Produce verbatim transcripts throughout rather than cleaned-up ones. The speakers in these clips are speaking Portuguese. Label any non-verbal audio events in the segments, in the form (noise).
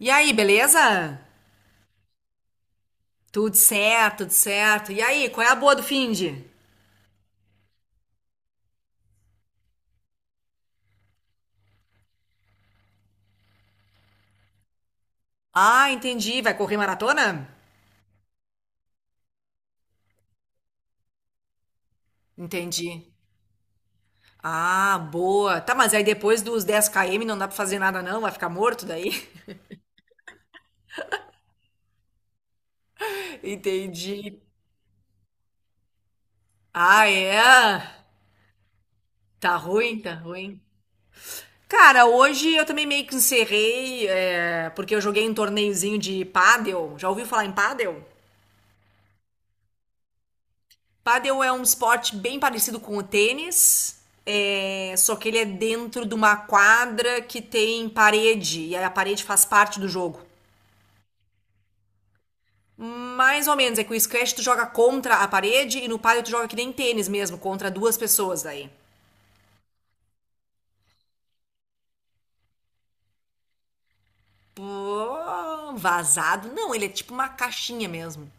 E aí, beleza? Tudo certo, tudo certo. E aí, qual é a boa do finde? Ah, entendi. Vai correr maratona? Entendi. Ah, boa. Tá, mas aí depois dos dez quilômetros não dá pra fazer nada não? Vai ficar morto daí? (laughs) Entendi. Ah, é? Tá ruim, tá ruim. Cara, hoje eu também meio que encerrei, é, porque eu joguei um torneiozinho de pádel. Já ouviu falar em pádel? Padel é um esporte bem parecido com o tênis, é, só que ele é dentro de uma quadra que tem parede, e a parede faz parte do jogo. Mais ou menos, é que o squash tu joga contra a parede e no padel tu joga que nem tênis mesmo, contra duas pessoas daí. Pô, vazado? Não, ele é tipo uma caixinha mesmo.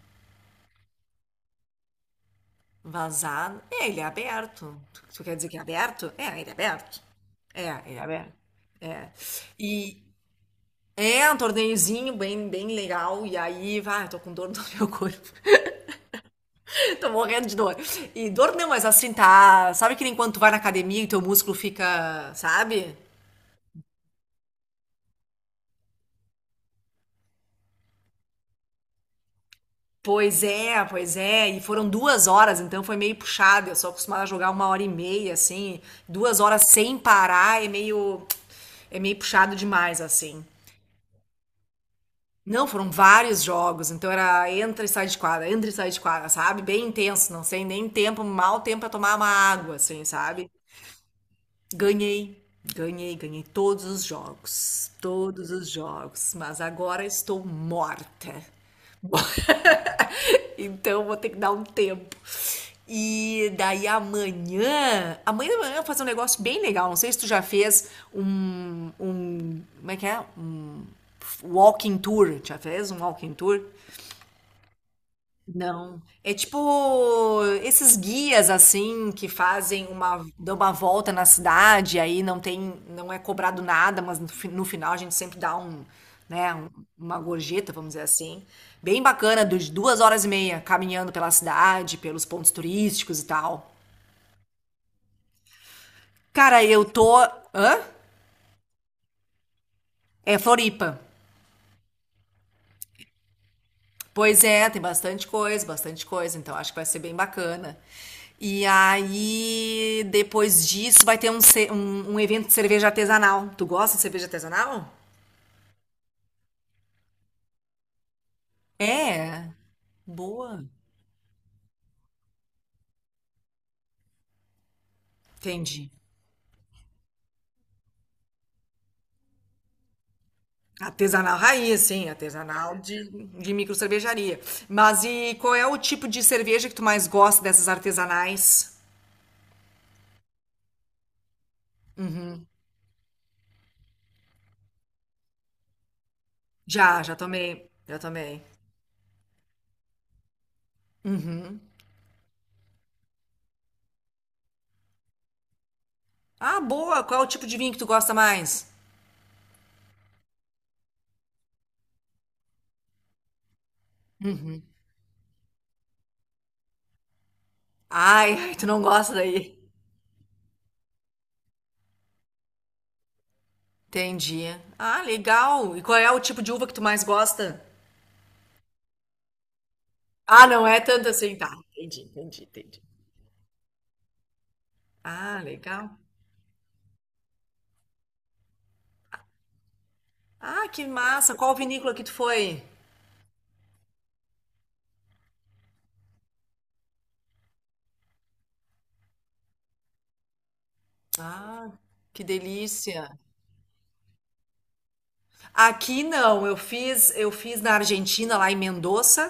Vazado? É, ele é aberto. Tu, tu quer dizer que é aberto? É, ele é aberto. É, ele é aberto. É. E, É, um torneiozinho bem, bem legal. E aí, vai, eu tô com dor no meu corpo. (laughs) Tô morrendo de dor. E dor não, mas assim, tá. Sabe que nem quando tu vai na academia e teu músculo fica, sabe? Pois é, pois é. E foram duas horas, então foi meio puxado. Eu sou acostumada a jogar uma hora e meia, assim. Duas horas sem parar é meio. É meio puxado demais, assim. Não, foram vários jogos, então era entra e sai de quadra, entra e sai de quadra, sabe? Bem intenso, não sei nem tempo, mal tempo pra tomar uma água, assim, sabe? Ganhei, ganhei, ganhei todos os jogos, todos os jogos, mas agora estou morta. (laughs) Então vou ter que dar um tempo. E daí amanhã, amanhã de manhã eu vou fazer um negócio bem legal. Não sei se tu já fez um, um, como é que é? Um walking tour. Já fez um walking tour? Não. É tipo esses guias assim que fazem uma, dão uma volta na cidade, aí não tem, não é cobrado nada, mas no, fi- no final a gente sempre dá um, né, um- uma gorjeta, vamos dizer assim. Bem bacana, de duas horas e meia caminhando pela cidade, pelos pontos turísticos e tal. Cara, eu tô. Hã? É Floripa. Pois é, tem bastante coisa, bastante coisa, então acho que vai ser bem bacana. E aí, depois disso, vai ter um, ce- um, um evento de cerveja artesanal. Tu gosta de cerveja artesanal? É, boa. Entendi. Artesanal raiz, sim, artesanal de, de micro cervejaria. Mas e qual é o tipo de cerveja que tu mais gosta dessas artesanais? Já, já tomei, já tomei. Ah, boa. Qual é o tipo de vinho que tu gosta mais? Ai, ai, tu não gosta daí. Entendi. Ah, legal. E qual é o tipo de uva que tu mais gosta? Ah, não é tanto assim, tá. Entendi, entendi, entendi. Ah, legal. Ah, que massa. Qual vinícola que tu foi? Ah, que delícia. Aqui não, eu fiz, eu fiz na Argentina, lá em Mendoza,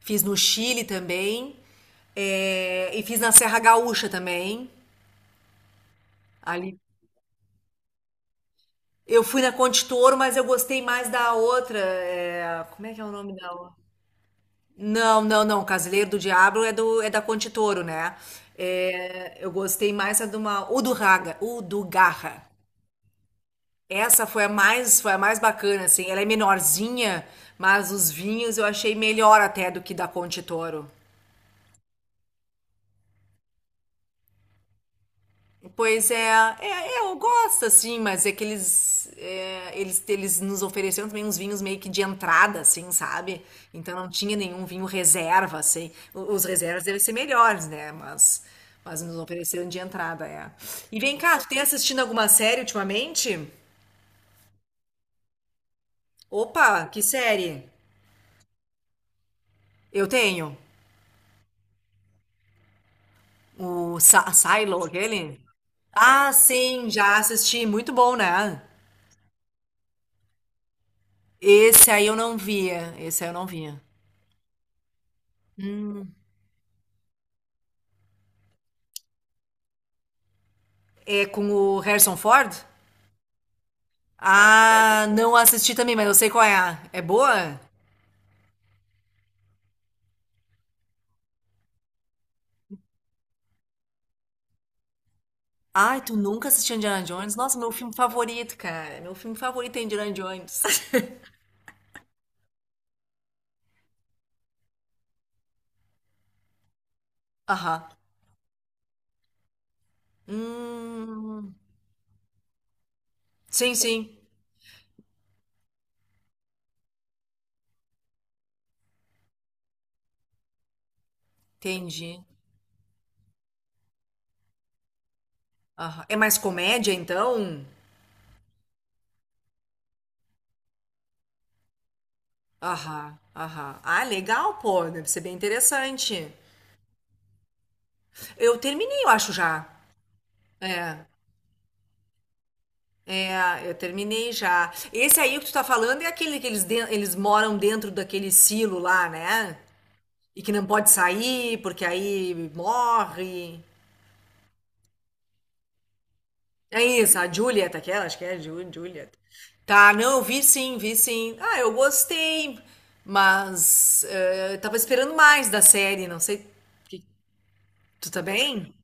fiz no Chile também, eh, e fiz na Serra Gaúcha também. Ali. Eu fui na Conde Toro, mas eu gostei mais da outra. Eh, como é que é o nome da outra? Não, não, não. Casileiro do Diabo é do é da Conte Toro, né? É, eu gostei mais a de uma o do Raga, o do Garra. Essa foi a mais foi a mais bacana, assim. Ela é menorzinha, mas os vinhos eu achei melhor até do que da Conte Toro. Pois é, é, é, eu gosto assim, mas é que eles, é, eles, eles nos ofereceram também uns vinhos meio que de entrada, assim, sabe? Então não tinha nenhum vinho reserva, assim. O- Os reservas devem ser melhores, né? Mas, mas nos ofereceram de entrada, é. E vem cá, tu tem assistindo alguma série ultimamente? Opa, que série? Eu tenho. O Sa- Silo, aquele? Ah, sim, já assisti. Muito bom, né? Esse aí eu não via. Esse aí eu não via. É com o Harrison Ford? Ah, não assisti também, mas eu sei qual é. É boa? Ai, tu nunca assistiu Indiana Jones? Nossa, meu filme favorito, cara. Meu filme favorito é Indiana Jones. (laughs) Aham. Hum. Sim, sim. Entendi. Aham. É mais comédia, então? Aham, aham. Ah, legal, pô. Deve ser bem interessante. Eu terminei, eu acho já. É. É, eu terminei já. Esse aí que tu tá falando é aquele que eles, den- eles moram dentro daquele silo lá, né? E que não pode sair, porque aí morre. É isso, a Juliet, aquela, acho que é a Ju- Juliet. Tá, não, eu vi sim, vi sim. Ah, eu gostei, mas eh, eu tava esperando mais da série, não sei. que- Tu tá bem?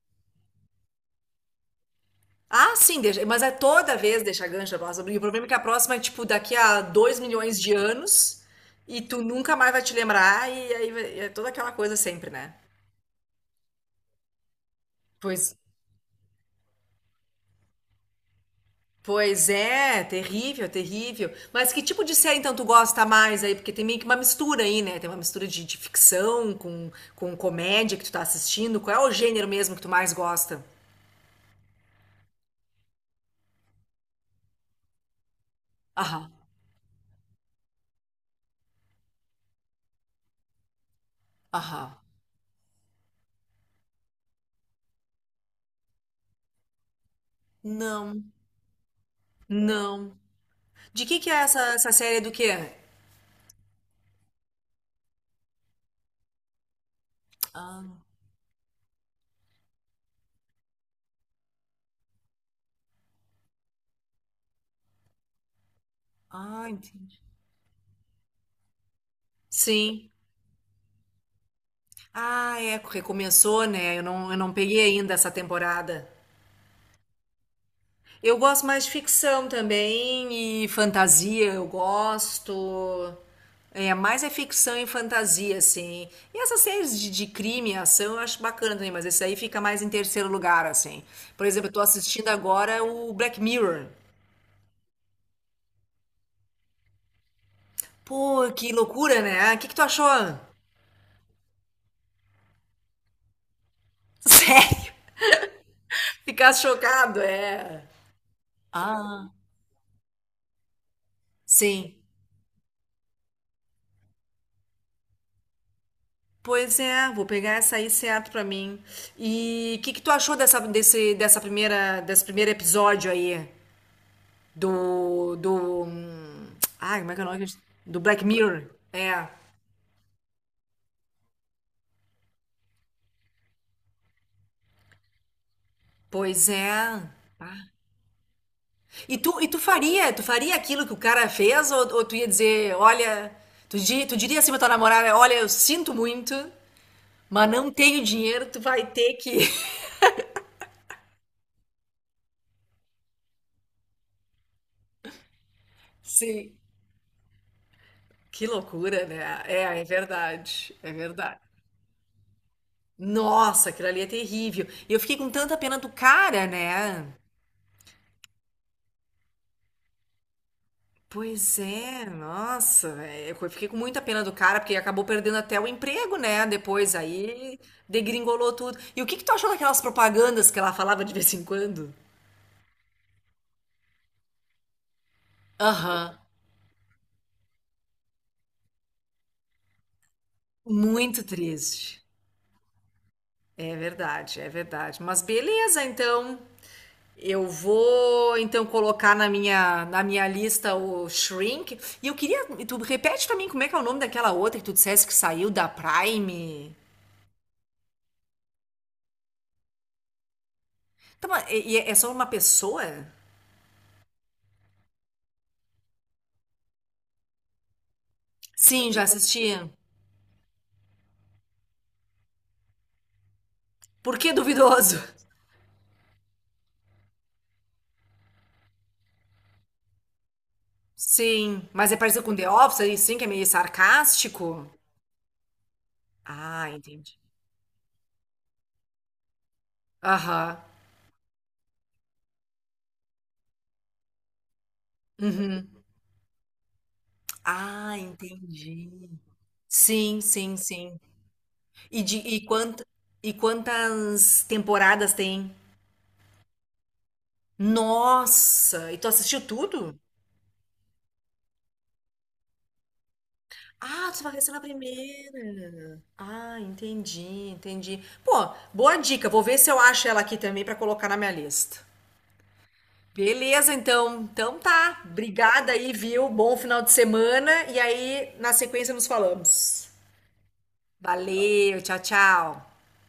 Ah, sim, deixa- mas é toda vez deixa gancho a próxima. E o problema é que a próxima é tipo daqui a dois milhões de anos e tu nunca mais vai te lembrar e aí vai- é toda aquela coisa sempre, né? Pois Pois é, terrível, terrível. Mas que tipo de série então tu gosta mais aí? Porque tem meio que uma mistura aí, né? Tem uma mistura de, de ficção com, com comédia que tu tá assistindo. Qual é o gênero mesmo que tu mais gosta? Aham, aham. Não, não. De que que é essa, essa série do quê? Ah, ah, entendi. Sim. Ah, é, recomeçou, né? Eu não, eu não peguei ainda essa temporada. Eu gosto mais de ficção também e fantasia, eu gosto. É, mais é ficção e fantasia, assim. E essas séries de, de crime e ação eu acho bacana também, mas esse aí fica mais em terceiro lugar, assim. Por exemplo, eu tô assistindo agora o Black Mirror. Pô, que loucura, né? O que que tu achou? (laughs) Sério? Ficar chocado, é. Ah, sim. Pois é, vou pegar essa aí certo pra mim. E o que que tu achou dessa, desse, dessa primeira, desse primeiro episódio aí? Do, do... hum, Ai, como é que é o nome? Do Black Mirror. É, pois é. Ah. E tu, e tu faria, tu faria aquilo que o cara fez? Ou, ou tu ia dizer, olha... Tu, di- tu diria assim pra tua namorada, olha, eu sinto muito, mas não tenho dinheiro, tu vai ter que... (laughs) Sim. Que loucura, né? É, é verdade. É verdade. Nossa, aquilo ali é terrível. E eu fiquei com tanta pena do cara, né? Pois é, nossa, é, eu fiquei com muita pena do cara, porque acabou perdendo até o emprego, né? Depois aí degringolou tudo. E o que que tu achou daquelas propagandas que ela falava de vez em quando? Aham. Muito triste. É verdade, é verdade. Mas beleza, então. Eu vou então colocar na minha, na minha lista o Shrink. E eu queria. E tu repete pra mim como é que é o nome daquela outra que tu dissesse que saiu da Prime. Tá, mas e- e é só uma pessoa? Sim, já assisti. Por que duvidoso? Sim, mas é parecido com The Office, aí sim, que é meio sarcástico. Ah, entendi. Aham. Uhum. Ah, entendi. Sim, sim, sim. E, de, e, quant, e quantas temporadas tem? Nossa! E tu assistiu tudo? Ah, tu vai ser na primeira. Ah, entendi, entendi. Pô, boa dica. Vou ver se eu acho ela aqui também pra colocar na minha lista. Beleza, então. Então tá. Obrigada aí, viu? Bom final de semana. E aí, na sequência, nos falamos. Valeu, tchau, tchau.